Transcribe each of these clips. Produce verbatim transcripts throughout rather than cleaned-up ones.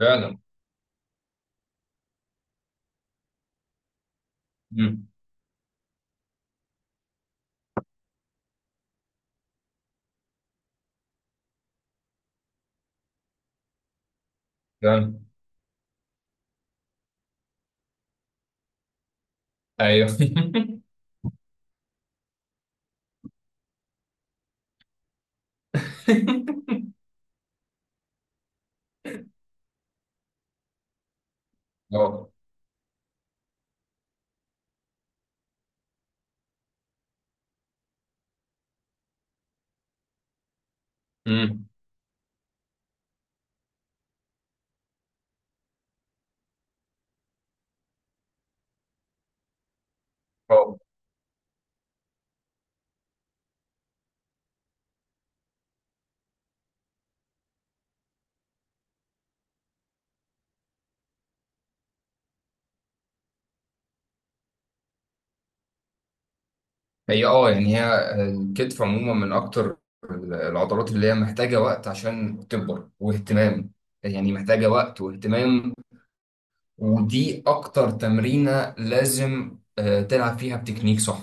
فعلا. امم فعلا. ايوه. اه. امم اه. هي اه يعني هي الكتف عموما من اكتر العضلات اللي هي محتاجه وقت عشان تكبر واهتمام. يعني محتاجه وقت واهتمام. ودي اكتر تمرينه لازم آه، تلعب فيها بتكنيك صح،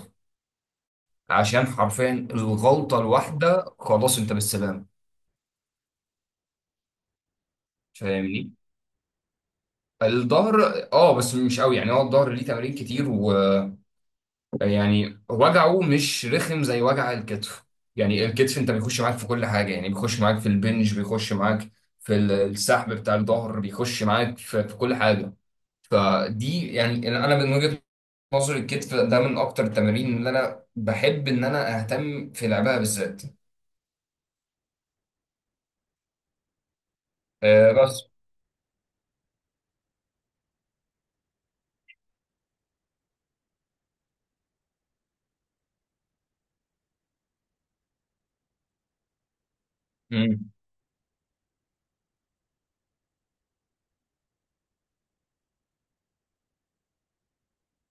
عشان حرفيا الغلطه الواحده خلاص انت بالسلام. فاهمني؟ الظهر. اه بس مش قوي. يعني هو الظهر ليه تمارين كتير و... يعني وجعه مش رخم زي وجع الكتف. يعني الكتف انت بيخش معاك في كل حاجه. يعني بيخش معاك في البنج، بيخش معاك في ال- السحب بتاع الظهر، بيخش معاك في, في كل حاجه. فدي يعني انا أنا من وجهه نظري الكتف ده من اكتر التمارين اللي انا بحب ان انا اهتم في لعبها بالذات. آه، بس. امم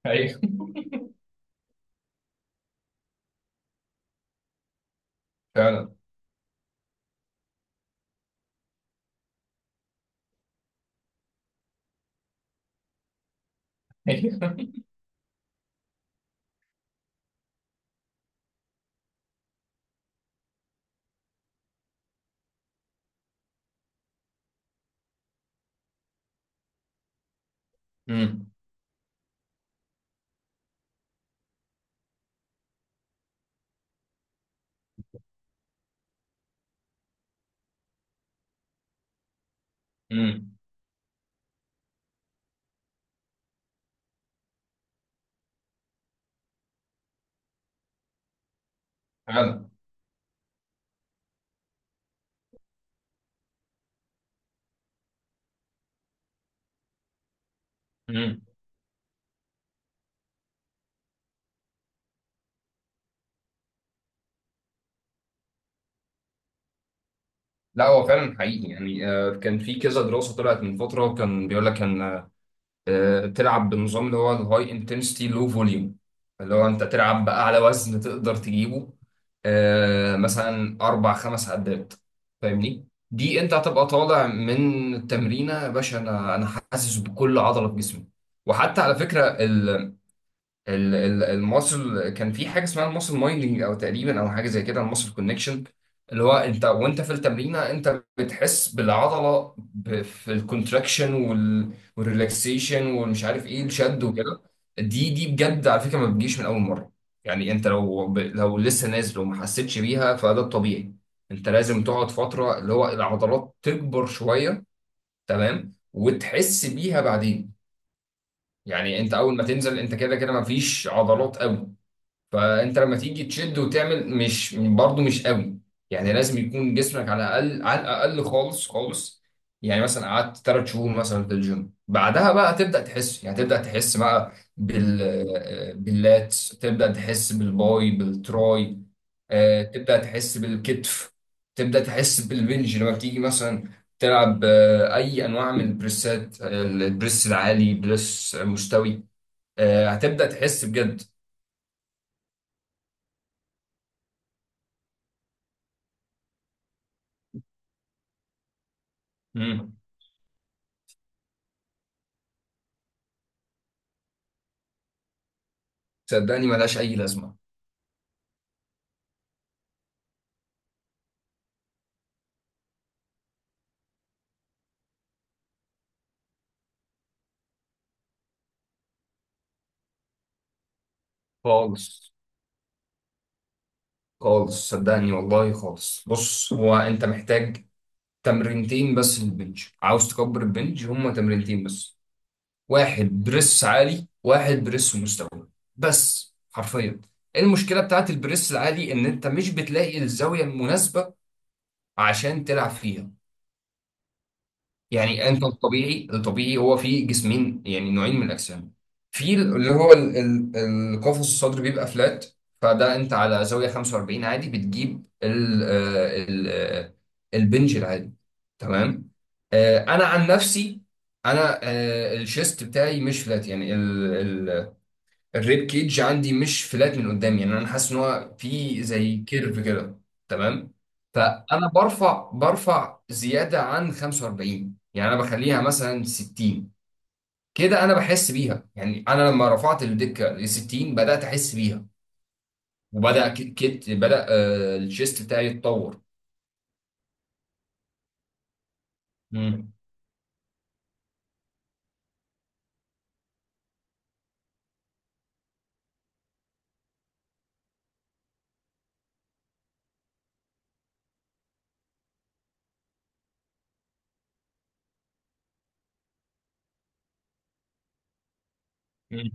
ايوه. فعلا. ايوه. امم. امم. فعلا. امم. لا، هو فعلا حقيقي. يعني آه، كان في كذا دراسة طلعت من فترة كان بيقول لك ان آه، تلعب بالنظام اللي هو الهاي انتنسيتي لو فوليوم، اللي هو انت تلعب باعلى وزن تقدر تجيبه، آه، مثلا اربع خمس عدات. فاهمني؟ دي انت هتبقى طالع من التمرينه يا باشا. انا انا حاسس بكل عضله في جسمي. وحتى على فكره، ال- ال- الماسل، كان في حاجه اسمها الماسل مايندنج او تقريبا او حاجه زي كده الماسل كونكشن، اللي هو انت وانت في التمرينه انت بتحس بالعضله ب- في الكونتراكشن وال- والريلاكسيشن والمش عارف ايه الشد وكده. دي دي بجد على فكره ما بتجيش من اول مره. يعني انت لو ب- لو لسه نازل وما حسيتش بيها فده الطبيعي. انت لازم تقعد فتره اللي هو العضلات تكبر شويه، تمام، وتحس بيها بعدين. يعني انت اول ما تنزل انت كده كده ما فيش عضلات قوي، فانت لما تيجي تشد وتعمل مش برضه مش قوي. يعني لازم يكون جسمك على الاقل، على الاقل خالص خالص. يعني مثلا قعدت ثلاث شهور مثلا في الجيم بعدها بقى هتبدا تحس. يعني هتبدا تحس بقى بال باللات، تبدا تحس بالباي بالتراي، آه، تبدا تحس بالكتف، تبدا تحس بالبنج لما بتيجي مثلا تلعب آه، اي انواع من البريسات، آه، البريس العالي، بريس مستوي. آه، هتبدا تحس بجد. مم. صدقني ملهاش أي لازمة. خالص خالص، صدقني والله خالص. بص، هو أنت محتاج تمرينتين بس للبنج. عاوز تكبر البنج؟ هما تمرينتين بس، واحد بريس عالي واحد بريس مستوي، بس. حرفيا المشكلة بتاعت البريس العالي إن أنت مش بتلاقي الزاوية المناسبة عشان تلعب فيها. يعني انت الطبيعي الطبيعي هو فيه جسمين، يعني نوعين من الاجسام. في اللي هو ال- ال- القفص الصدري بيبقى فلات، فده انت على زاويه خمسة وأربعين عادي بتجيب ال ال آه، البنج العادي. تمام. آه، انا عن نفسي، انا آه، الشيست بتاعي مش فلات يعني. الريب كيج عندي مش فلات من قدام. يعني انا حاسس ان هو في زي كيرف كده. تمام. فانا برفع برفع زياده عن خمسة وأربعين. يعني انا بخليها مثلا ستين. كده انا بحس بيها. يعني انا لما رفعت الدكه ل ستين بدات احس بيها، وبدا ك- كت بدا آه الشيست بتاعي يتطور. مم. مم.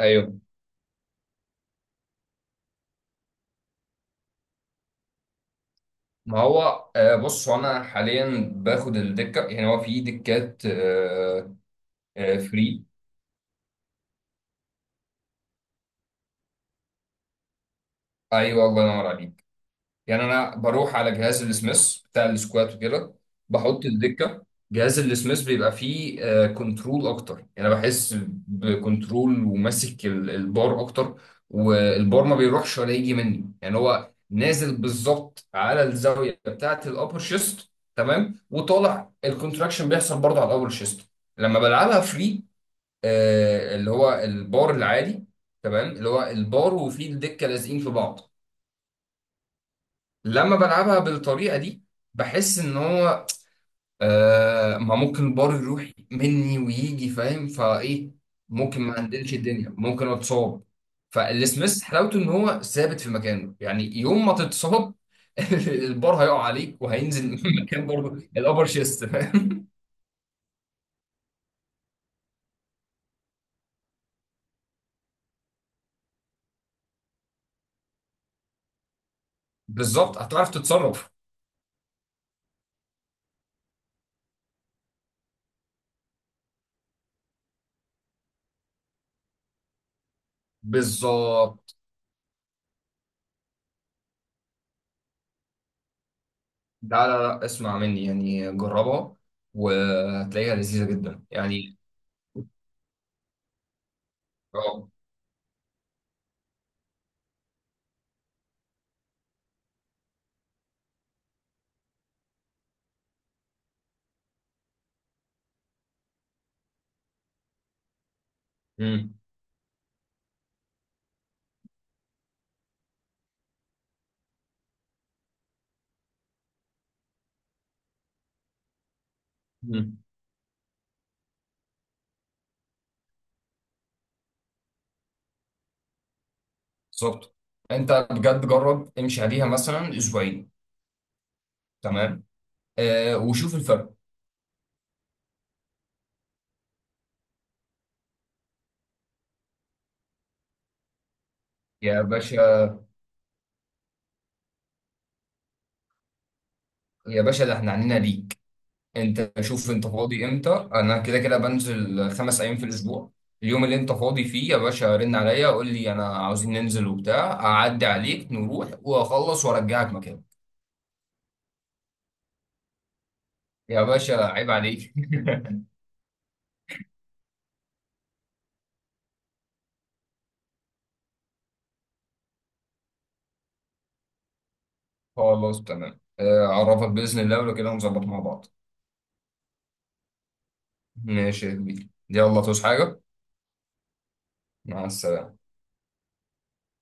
ايوه. ما هو آه بص، هو انا حاليا باخد الدكه. يعني هو في دكات، آه آه فري. ايوه، الله ينور عليك. يعني انا بروح على جهاز السميث بتاع السكوات وكده، بحط الدكه. جهاز السميث بيبقى فيه آه، كنترول اكتر. يعني انا بحس بكنترول، وماسك ال- البار اكتر. والبار ما بيروحش ولا يجي مني. يعني هو نازل بالظبط على الزاويه بتاعه الابر شيست. تمام. وطالع الكونتراكشن بيحصل برضه على الابر شيست لما بلعبها فري، آه، اللي هو البار العادي. تمام، اللي هو البار وفيه الدكه لازقين في بعض. لما بلعبها بالطريقة دي بحس ان هو آه ما ممكن البار يروح مني ويجي. فاهم فايه؟ ممكن ما عندلش الدنيا، ممكن اتصاب. فالسميث حلاوته ان هو ثابت في مكانه. يعني يوم ما تتصاب البار هيقع عليك وهينزل من مكان برضه الابر شيست، فاهم؟ بالظبط، هتعرف تتصرف. بالظبط. لا لا لا، اسمع مني يعني، جربها وهتلاقيها لذيذة جدا يعني. اه. مم. مم. بالظبط. انت بجد جرب امشي عليها مثلا اسبوعين، تمام، آه وشوف الفرق. يا باشا، يا باشا، ده احنا عنينا ليك. انت شوف انت فاضي امتى. انا كده كده بنزل خمس ايام في الاسبوع. اليوم اللي انت فاضي فيه يا باشا رن عليا قول لي، انا عاوزين ننزل وبتاع، اعدي عليك نروح واخلص وارجعك مكان. يا باشا عيب عليك. خلاص تمام. آه، اعرفك باذن الله ولو كده نظبط مع بعض. ماشي يا كبير، يلا تصحى حاجه. مع السلامه.